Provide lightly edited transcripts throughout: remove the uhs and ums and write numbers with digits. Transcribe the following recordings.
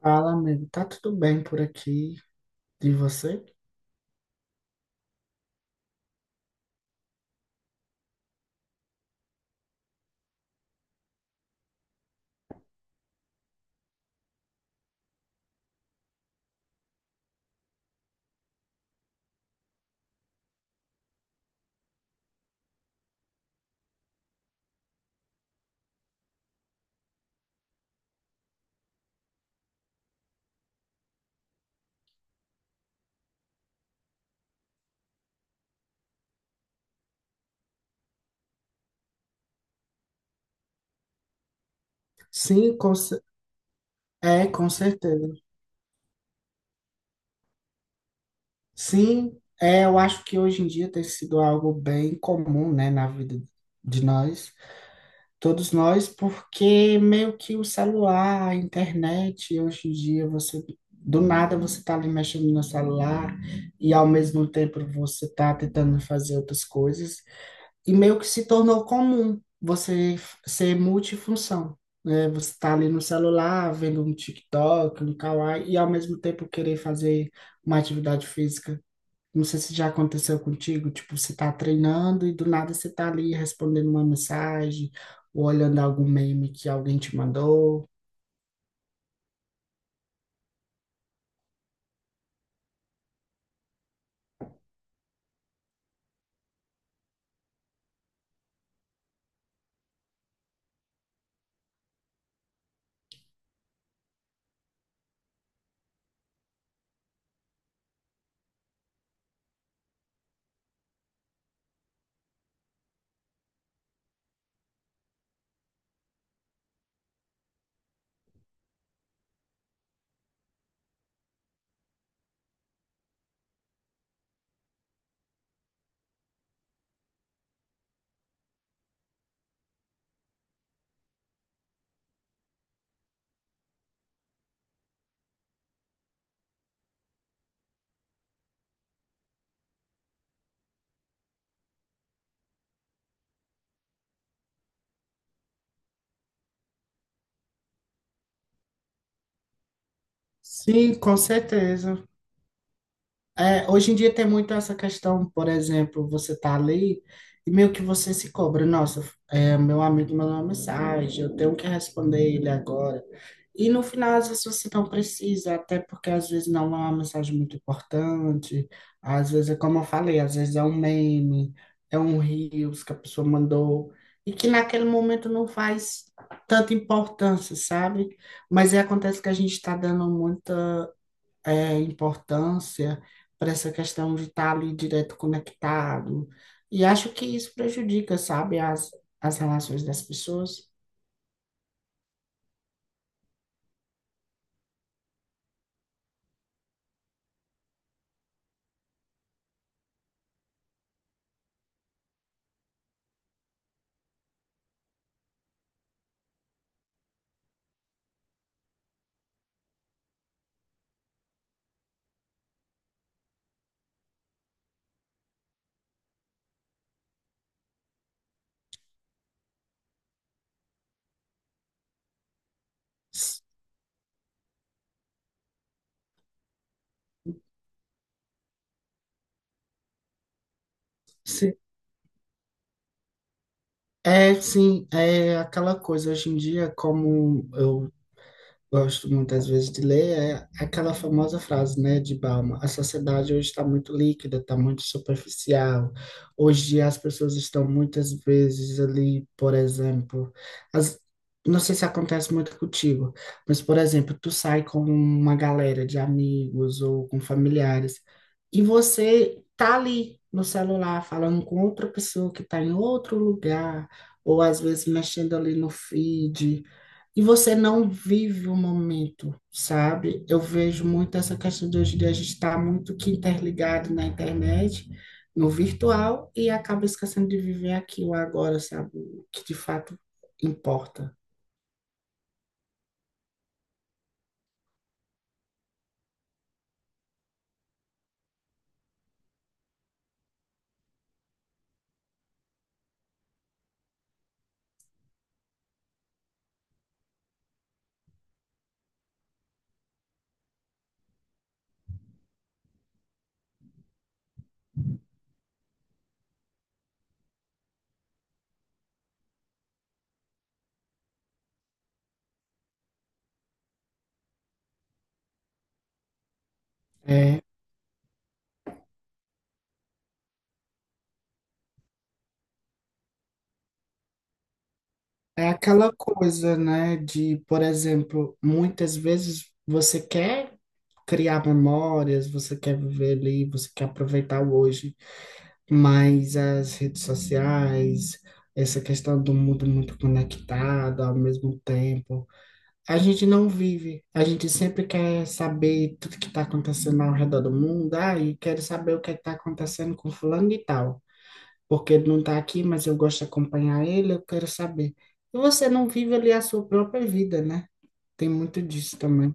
Fala, amigo. Tá tudo bem por aqui de você? Sim, com certeza. Sim, é, eu acho que hoje em dia tem sido algo bem comum, né, na vida de nós, todos nós, porque meio que o celular, a internet, hoje em dia você do nada você tá ali mexendo no celular e ao mesmo tempo você tá tentando fazer outras coisas. E meio que se tornou comum ser multifunção, né? Você tá ali no celular, vendo um TikTok, um Kawaii, e ao mesmo tempo querer fazer uma atividade física. Não sei se já aconteceu contigo, tipo, você tá treinando e do nada você tá ali respondendo uma mensagem, ou olhando algum meme que alguém te mandou. Sim, com certeza. É, hoje em dia tem muito essa questão, por exemplo, você tá ali e meio que você se cobra, nossa, é, meu amigo mandou uma mensagem, eu tenho que responder ele agora. E no final, às vezes você não precisa, até porque às vezes não é uma mensagem muito importante, às vezes é como eu falei, às vezes é um meme, é um reels que a pessoa mandou, e que naquele momento não faz tanta importância, sabe? Mas aí acontece que a gente está dando muita importância para essa questão de estar ali direto conectado. E acho que isso prejudica, sabe, as relações das pessoas. S- se- É, sim, é aquela coisa hoje em dia, como eu gosto muitas vezes de ler, é aquela famosa frase, né, de Balma: a sociedade hoje está muito líquida, está muito superficial. Hoje as pessoas estão muitas vezes ali, por exemplo, as, não sei se acontece muito contigo, mas por exemplo, tu sai com uma galera de amigos ou com familiares e você tá ali no celular falando com outra pessoa que está em outro lugar, ou às vezes mexendo ali no feed, e você não vive o momento, sabe? Eu vejo muito essa questão de hoje em dia a gente está muito que interligado na internet, no virtual, e acaba esquecendo de viver aqui o agora, sabe? O que de fato importa. É, é aquela coisa, né, de, por exemplo, muitas vezes você quer criar memórias, você quer viver ali, você quer aproveitar o hoje. Mas as redes sociais, essa questão do mundo muito conectado ao mesmo tempo, a gente não vive. A gente sempre quer saber tudo que está acontecendo ao redor do mundo. Ah, e quero saber o que está acontecendo com fulano e tal. Porque ele não está aqui, mas eu gosto de acompanhar ele, eu quero saber. E você não vive ali a sua própria vida, né? Tem muito disso também.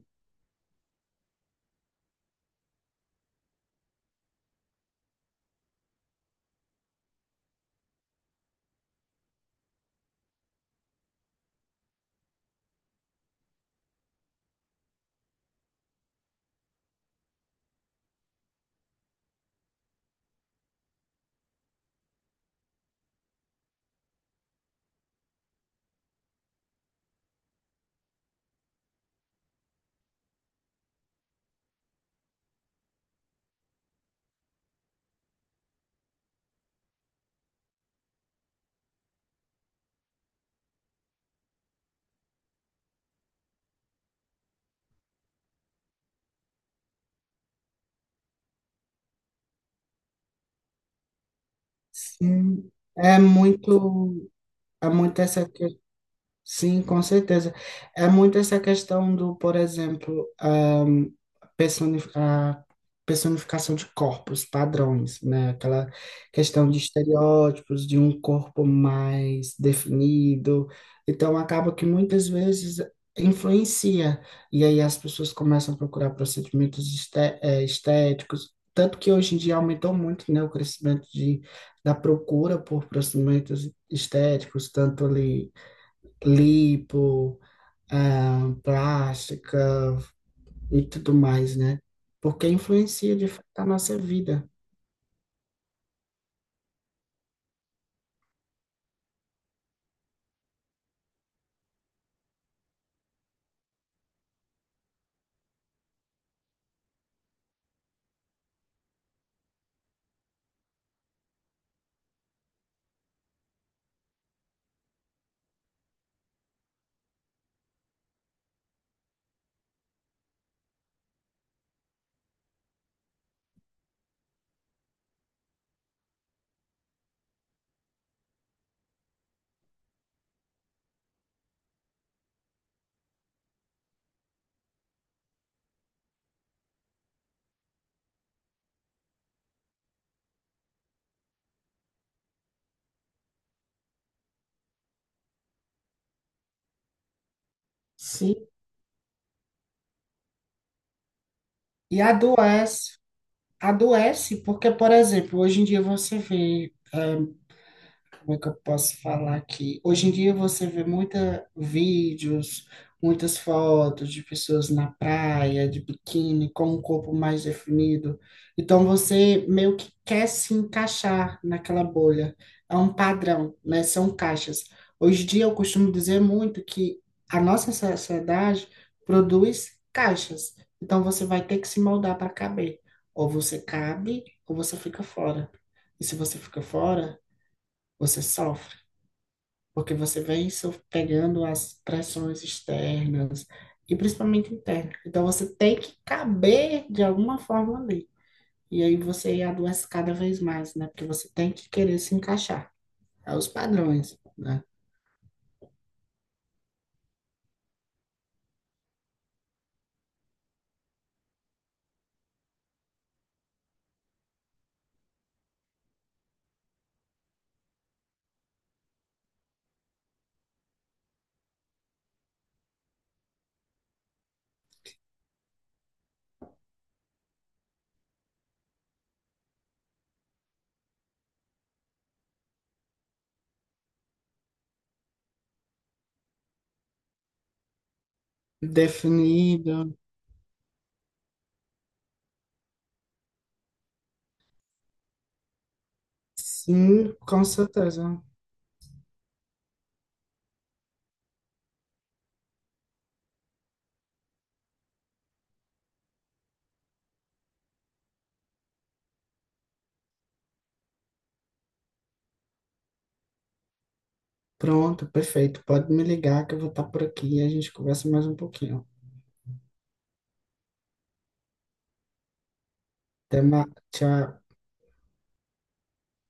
Sim, é muito, é muito essa Sim, com certeza. É muito essa questão do, por exemplo, a personificação de corpos, padrões, né? Aquela questão de estereótipos, de um corpo mais definido. Então, acaba que muitas vezes influencia. E aí as pessoas começam a procurar procedimentos estéticos. Tanto que hoje em dia aumentou muito, né, o crescimento de, da procura por procedimentos estéticos, tanto ali lipo, ah, plástica e tudo mais, né? Porque influencia de fato a nossa vida. Sim. E adoece. Adoece porque, por exemplo, hoje em dia você vê, como é que eu posso falar aqui? Hoje em dia você vê muita vídeos, muitas fotos de pessoas na praia, de biquíni, com um corpo mais definido. Então você meio que quer se encaixar naquela bolha. É um padrão, né? São caixas. Hoje em dia eu costumo dizer muito que a nossa sociedade produz caixas. Então você vai ter que se moldar para caber. Ou você cabe, ou você fica fora. E se você fica fora, você sofre porque você vem pegando as pressões externas e principalmente internas. Então você tem que caber de alguma forma ali. E aí você adoece cada vez mais, né? Porque você tem que querer se encaixar aos padrões, né? Definido. Sim, com certeza. Pronto, perfeito. Pode me ligar que eu vou estar por aqui e a gente conversa mais um pouquinho. Até mais. Tchau.